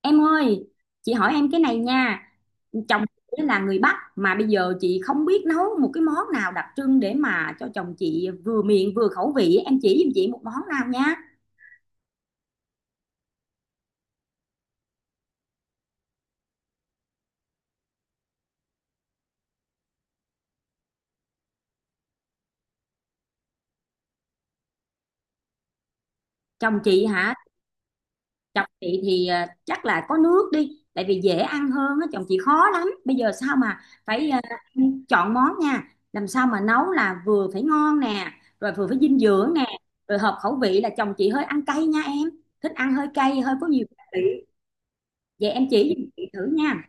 Em ơi, chị hỏi em cái này nha. Chồng chị là người Bắc mà bây giờ chị không biết nấu một cái món nào đặc trưng để mà cho chồng chị vừa miệng vừa khẩu vị. Em chỉ giùm chị một món nào nha. Chồng chị hả? Chồng chị thì chắc là có nước đi, tại vì dễ ăn hơn á, chồng chị khó lắm. Bây giờ sao mà phải chọn món nha. Làm sao mà nấu là vừa phải ngon nè, rồi vừa phải dinh dưỡng nè, rồi hợp khẩu vị là chồng chị hơi ăn cay nha em. Thích ăn hơi cay, hơi có nhiều vị. Vậy em chỉ giùm chị thử nha.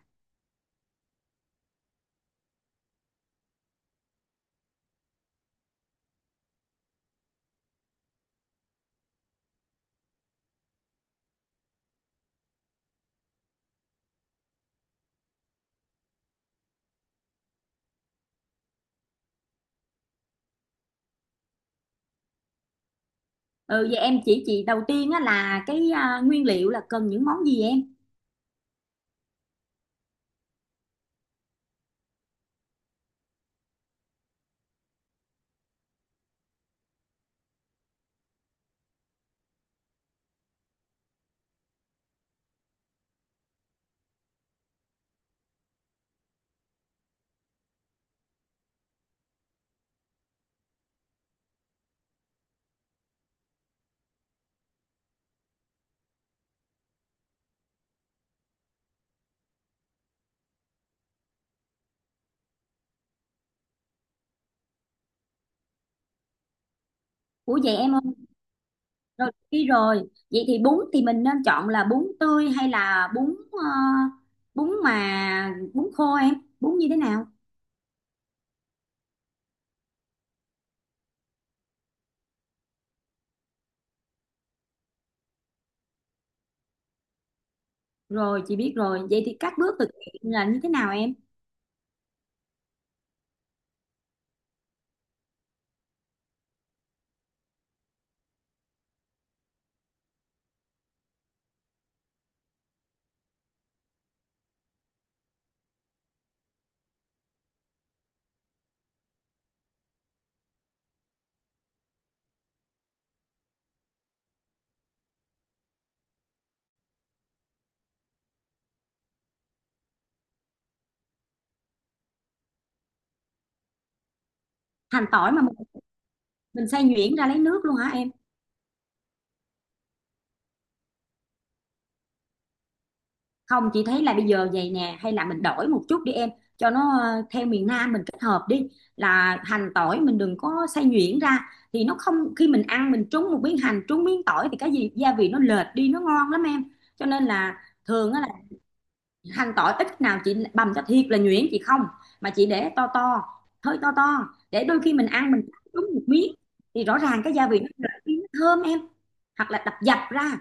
Ừ, vậy em chỉ chị đầu tiên á là nguyên liệu là cần những món gì em? Ủa vậy em ơi, rồi đi rồi. Vậy thì bún thì mình nên chọn là bún tươi hay là bún mà bún khô em? Bún như thế nào? Rồi chị biết rồi. Vậy thì các bước thực hiện là như thế nào em? Hành tỏi mà mình xay nhuyễn ra lấy nước luôn hả em? Không, chị thấy là bây giờ vậy nè, hay là mình đổi một chút đi em, cho nó theo miền Nam mình kết hợp đi, là hành tỏi mình đừng có xay nhuyễn ra, thì nó không, khi mình ăn mình trúng một miếng hành trúng miếng tỏi thì cái gì gia vị nó lệch đi nó ngon lắm em. Cho nên là thường á, là hành tỏi ít nào chị bằm cho thiệt là nhuyễn chị không, mà chị để to to, hơi to to, để đôi khi mình ăn mình cắn trúng một miếng thì rõ ràng cái gia vị nó lệch đi nó thơm em, hoặc là đập dập ra.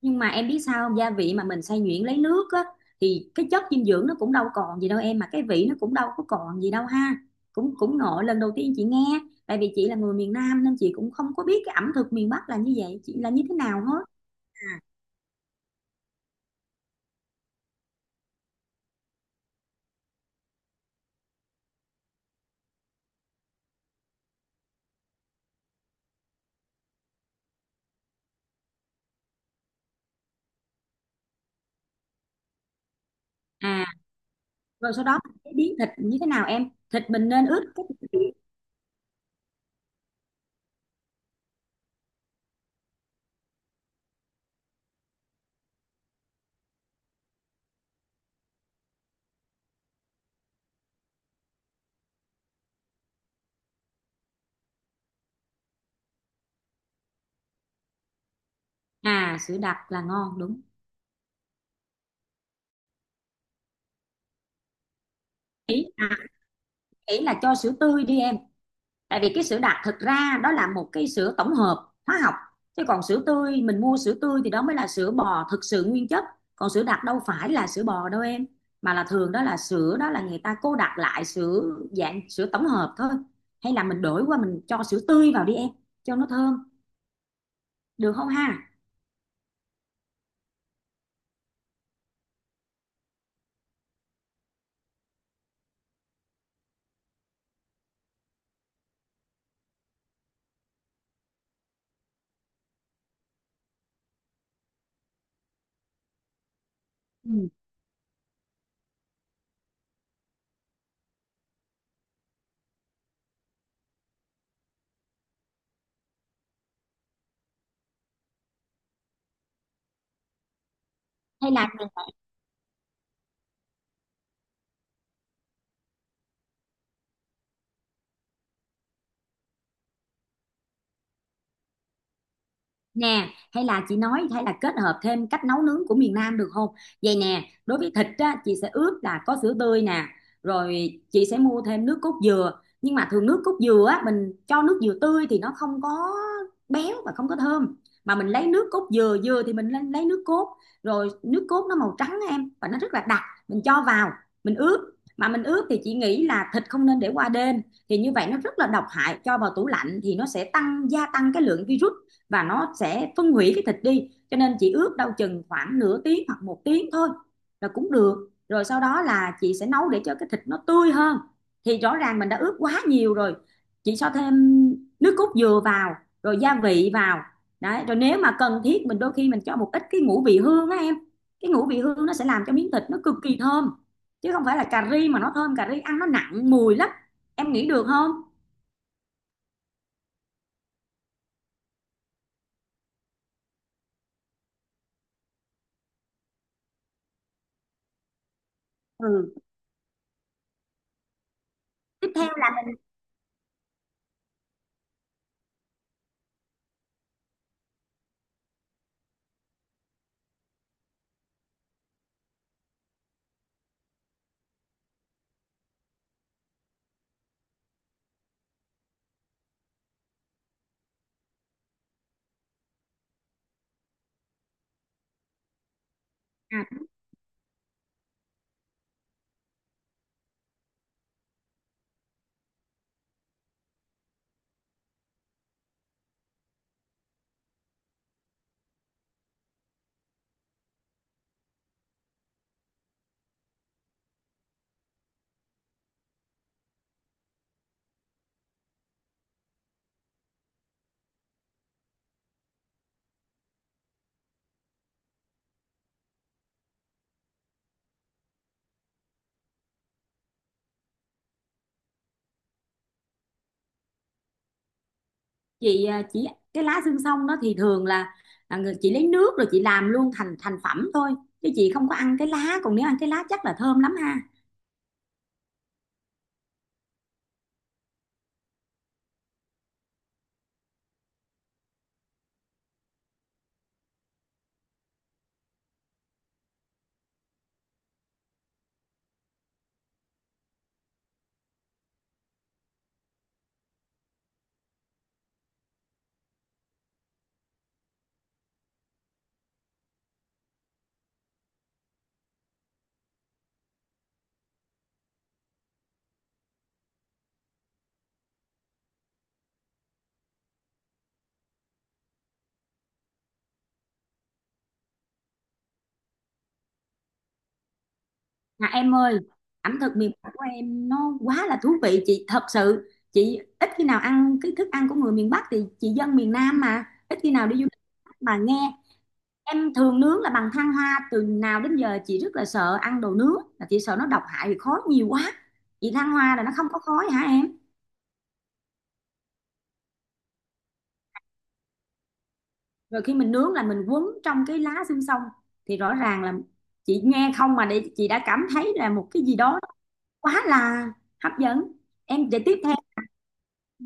Nhưng mà em biết sao không? Gia vị mà mình xay nhuyễn lấy nước á thì cái chất dinh dưỡng nó cũng đâu còn gì đâu em, mà cái vị nó cũng đâu có còn gì đâu ha. Cũng cũng ngộ, lần đầu tiên chị nghe, tại vì chị là người miền Nam nên chị cũng không có biết cái ẩm thực miền Bắc là như vậy, chị là như thế nào hết. À, rồi sau đó cái biến thịt như thế nào em, thịt mình nên ướp cái à, sữa đặc là ngon đúng. ý à, Ý là cho sữa tươi đi em, tại vì cái sữa đặc thực ra đó là một cái sữa tổng hợp hóa học, chứ còn sữa tươi mình mua sữa tươi thì đó mới là sữa bò thực sự nguyên chất. Còn sữa đặc đâu phải là sữa bò đâu em, mà là thường đó là sữa, đó là người ta cô đặc lại sữa, dạng sữa tổng hợp thôi. Hay là mình đổi qua mình cho sữa tươi vào đi em, cho nó thơm, được không ha? Ừ. hay là Nè, hay là chị nói, hay là kết hợp thêm cách nấu nướng của miền Nam được không? Vậy nè, đối với thịt á, chị sẽ ướp là có sữa tươi nè, rồi chị sẽ mua thêm nước cốt dừa, nhưng mà thường nước cốt dừa á, mình cho nước dừa tươi thì nó không có béo và không có thơm, mà mình lấy nước cốt dừa, dừa thì mình lấy nước cốt, rồi nước cốt nó màu trắng á em và nó rất là đặc. Mình cho vào, mình ướp, mà mình ướp thì chị nghĩ là thịt không nên để qua đêm, thì như vậy nó rất là độc hại, cho vào tủ lạnh thì nó sẽ tăng, gia tăng cái lượng virus và nó sẽ phân hủy cái thịt đi, cho nên chị ướp đâu chừng khoảng nửa tiếng hoặc một tiếng thôi là cũng được. Rồi sau đó là chị sẽ nấu để cho cái thịt nó tươi hơn, thì rõ ràng mình đã ướp quá nhiều rồi, chị cho thêm nước cốt dừa vào, rồi gia vị vào. Đấy, rồi nếu mà cần thiết mình đôi khi mình cho một ít cái ngũ vị hương á em, cái ngũ vị hương nó sẽ làm cho miếng thịt nó cực kỳ thơm, chứ không phải là cà ri mà nó thơm, cà ri ăn nó nặng mùi lắm. Em nghĩ được không? Ừ, tiếp theo. Là chị à, chỉ cái lá xương sông đó thì thường là à, người chị lấy nước rồi chị làm luôn thành thành phẩm thôi, chứ chị không có ăn cái lá. Còn nếu ăn cái lá chắc là thơm lắm ha. À, em ơi, ẩm thực miền Bắc của em nó quá là thú vị. Chị thật sự chị ít khi nào ăn cái thức ăn của người miền Bắc, thì chị dân miền Nam mà ít khi nào đi du lịch mà nghe. Em thường nướng là bằng than hoa, từ nào đến giờ chị rất là sợ ăn đồ nướng, là chị sợ nó độc hại vì khói nhiều quá. Chị, than hoa là nó không có khói hả em? Rồi khi mình nướng là mình quấn trong cái lá xương sông, thì rõ ràng là chị nghe không mà để chị đã cảm thấy là một cái gì đó quá là hấp dẫn. Em để tiếp theo. Ừ.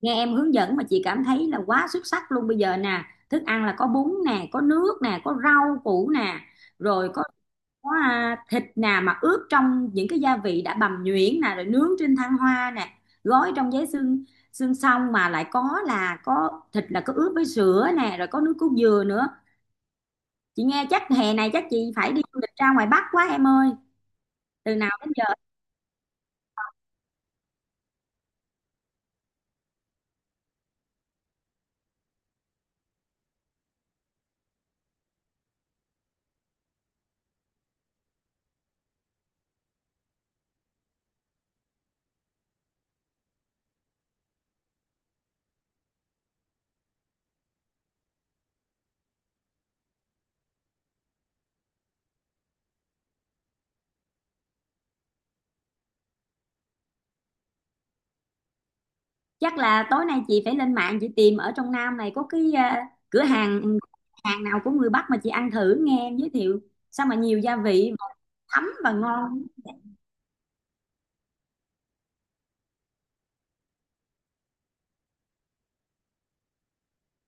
Nghe em hướng dẫn mà chị cảm thấy là quá xuất sắc luôn. Bây giờ nè, thức ăn là có bún nè, có nước nè, có rau củ nè, rồi có à, thịt nè, mà ướp trong những cái gia vị đã bằm nhuyễn nè, rồi nướng trên than hoa nè, gói trong giấy xương xương, xong mà lại có, là có thịt, là có ướp với sữa nè, rồi có nước cốt dừa nữa. Chị nghe chắc hè này chắc chị phải đi du lịch ra ngoài Bắc quá em ơi, từ nào đến giờ. Chắc là tối nay chị phải lên mạng chị tìm ở trong Nam này có cái à, cửa hàng hàng nào của người Bắc mà chị ăn thử, nghe em giới thiệu sao mà nhiều gia vị mà thấm và ngon.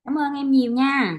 Cảm ơn em nhiều nha.